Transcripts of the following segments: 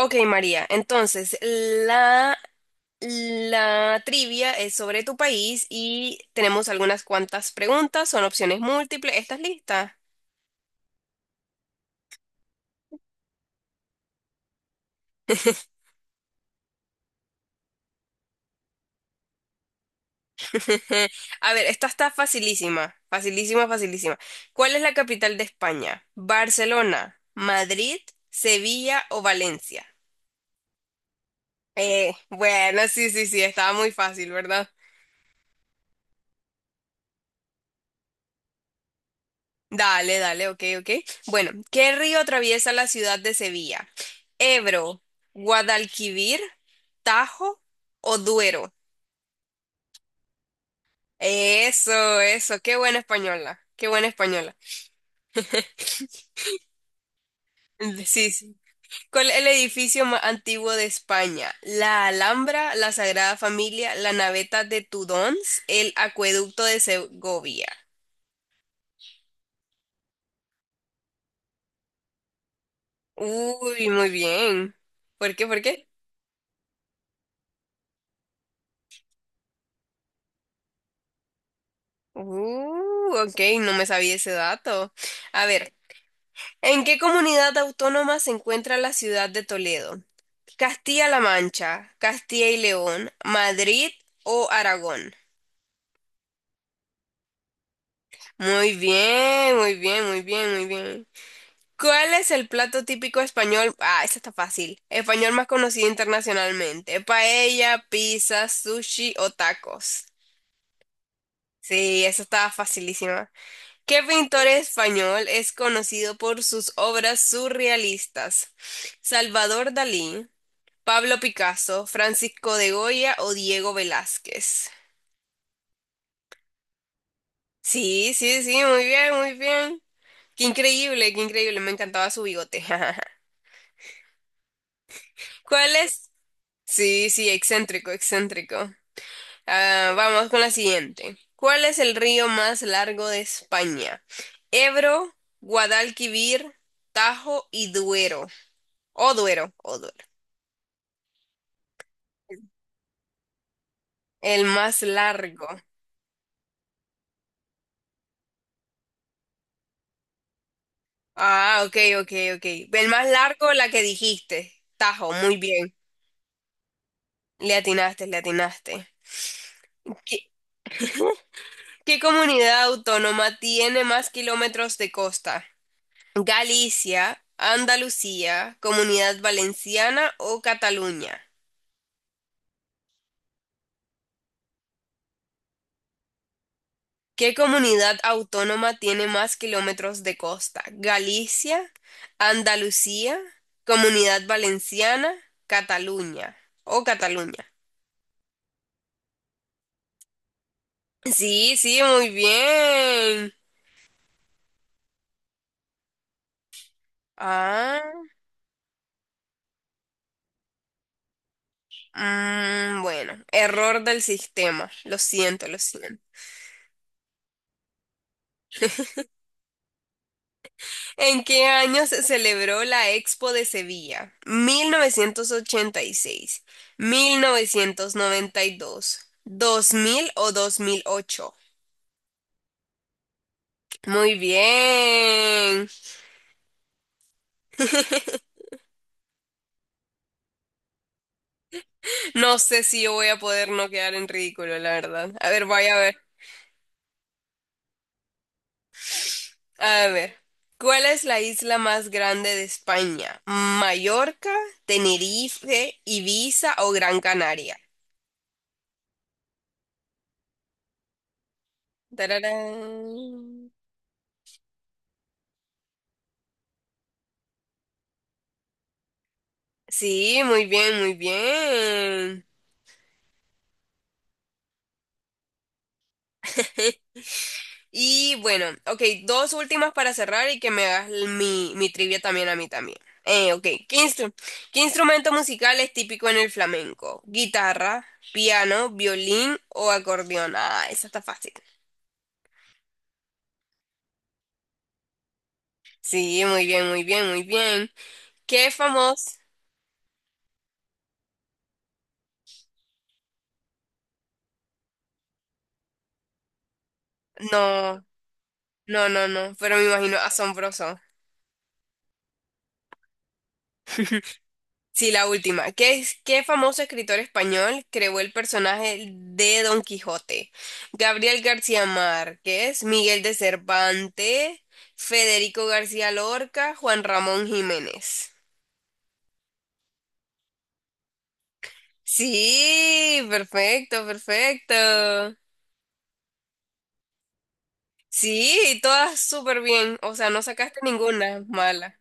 Ok, María, entonces la trivia es sobre tu país y tenemos algunas cuantas preguntas, son opciones múltiples. ¿Estás lista? A ver, esta está facilísima, facilísima, facilísima. ¿Cuál es la capital de España? ¿Barcelona, Madrid, Sevilla o Valencia? Bueno, sí, sí, sí, estaba muy fácil, ¿verdad? Dale, dale, ok, ok. Bueno, ¿qué río atraviesa la ciudad de Sevilla? ¿Ebro, Guadalquivir, Tajo o Duero? Eso, qué buena española, qué buena española. Sí, sí. ¿Cuál es el edificio más antiguo de España? La Alhambra, la Sagrada Familia, la Naveta de Tudons, el Acueducto de Segovia. Uy, muy bien. ¿Por qué? ¿Por qué? Ok, no me sabía ese dato. A ver. ¿En qué comunidad autónoma se encuentra la ciudad de Toledo? ¿Castilla-La Mancha, Castilla y León, Madrid o Aragón? Muy bien, muy bien, muy bien, muy bien. ¿Cuál es el plato típico español? Ah, esa está fácil. Español más conocido internacionalmente. Paella, pizza, sushi o tacos. Sí, esa estaba facilísima. ¿Qué pintor español es conocido por sus obras surrealistas? Salvador Dalí. Pablo Picasso, Francisco de Goya o Diego Velázquez. Sí, sí, sí, muy bien, muy bien. Qué increíble, me encantaba su bigote. ¿Cuál es? Sí, sí, excéntrico, excéntrico. Ah, vamos con la siguiente. ¿Cuál es el río más largo de España? Ebro, Guadalquivir, Tajo y Duero. O Duero, o Duero. El más largo. Ah, ok, ok, ok. El más largo, la que dijiste. Tajo, muy bien. Le atinaste, le atinaste. ¿Qué, qué comunidad autónoma tiene más kilómetros de costa? ¿Galicia, Andalucía, Comunidad Valenciana o Cataluña? ¿Qué comunidad autónoma tiene más kilómetros de costa? ¿Galicia, Andalucía, Comunidad Valenciana, Cataluña o Cataluña? Sí, sí, muy bien. Ah, bueno, error del sistema. Lo siento, lo siento. ¿En qué año se celebró la Expo de Sevilla? ¿1986, 1992, 2000 o 2008? Muy bien. No sé si yo voy a poder no quedar en ridículo, la verdad. A ver, vaya a ver. A ver. ¿Cuál es la isla más grande de España? ¿Mallorca, Tenerife, Ibiza o Gran Canaria? Tararán. Sí, muy bien, muy bien. Y bueno, ok, dos últimas para cerrar y que me hagas mi trivia también a mí también. Ok, ¿qué instru- qué instrumento musical es típico en el flamenco? ¿Guitarra, piano, violín o acordeón? Ah, eso está fácil. Sí, muy bien, muy bien, muy bien. ¿Qué famoso? No, no, no, no, pero me imagino asombroso. Sí, la última. ¿Qué famoso escritor español creó el personaje de Don Quijote? Gabriel García Márquez, Miguel de Cervantes, Federico García Lorca, Juan Ramón Jiménez. Sí, perfecto, perfecto. Sí, todas súper bien. O sea, no sacaste ninguna mala.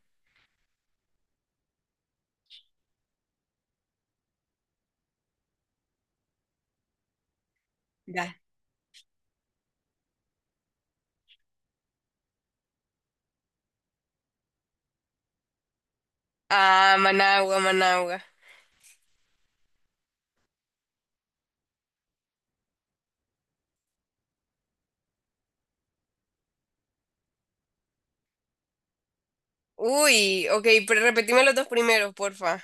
Ya. Ah, Managua, Managua. Uy, ok, pero repetime los dos primeros, porfa.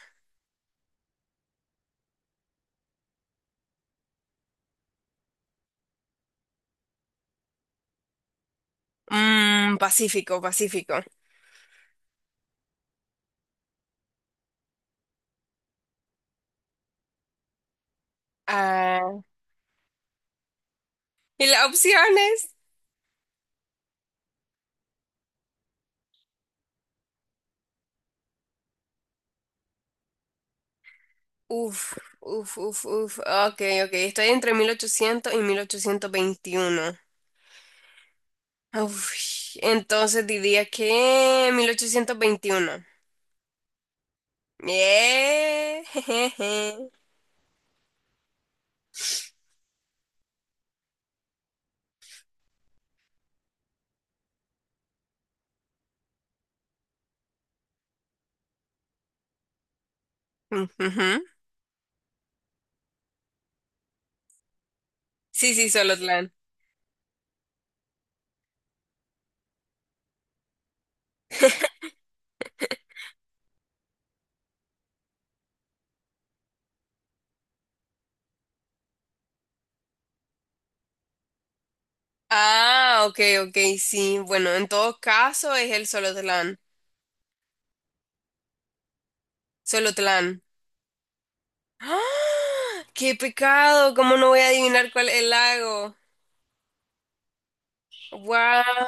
Pacífico, Pacífico. Ah, Y la opción es, uf, uf, uf, uf. Ok, ok. Estoy entre 1800 y 1821. Uf, entonces diría que 1821. Yeah. jejeje. Ujujú. Sí, sí, Solotlán. Ah, ok, ok, sí. Bueno, en todo caso es el Solotlán. Solotlán. ¡Ah! ¡Qué pecado! ¿Cómo no voy a adivinar cuál es el lago? ¡Guau!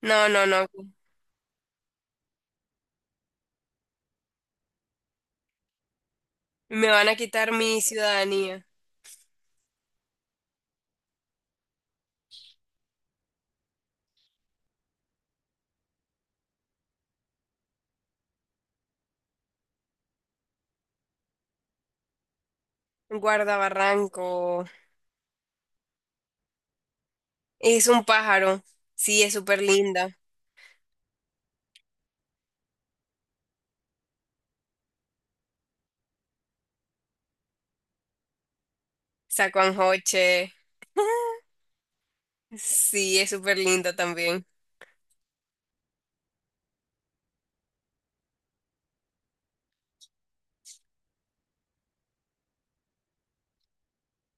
No, no, no. Me van a quitar mi ciudadanía. Guardabarranco. Es un pájaro. Sí, es súper linda. Sacuanjoche. Sí, es súper linda también.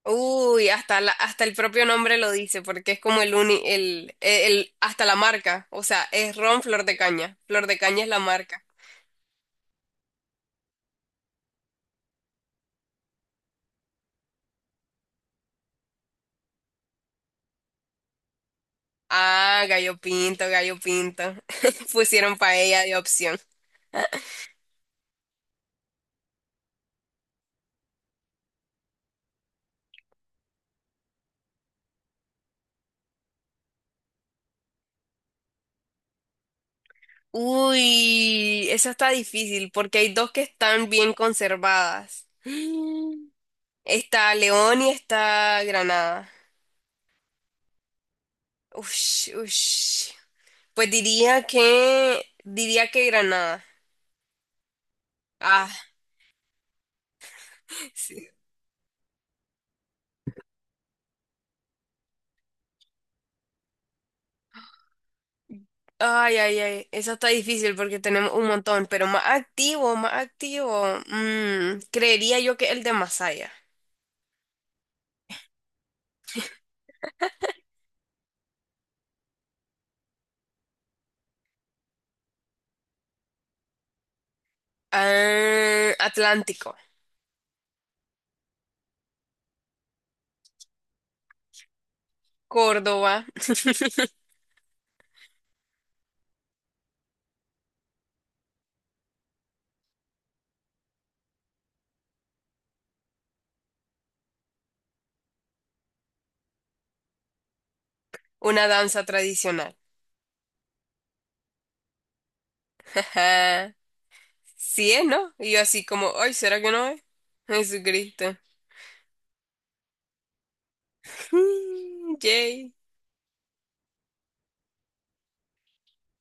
Uy, hasta el propio nombre lo dice, porque es como el hasta la marca. O sea, es ron Flor de Caña. Flor de Caña es la marca. Ah, gallo pinto, gallo pinto. Pusieron paella de opción. Uy, esa está difícil porque hay dos que están bien conservadas. Está León y está Granada. Ush, ush. Pues diría que Granada. Ah, sí. Ay, ay, ay. Eso está difícil porque tenemos un montón, pero más activo, más activo. Creería yo que el de Masaya. Ah, Atlántico. Córdoba. Una danza tradicional. Sí es, ¿no? Y yo así como, ay, ¿será que no es? Jesucristo. Yay.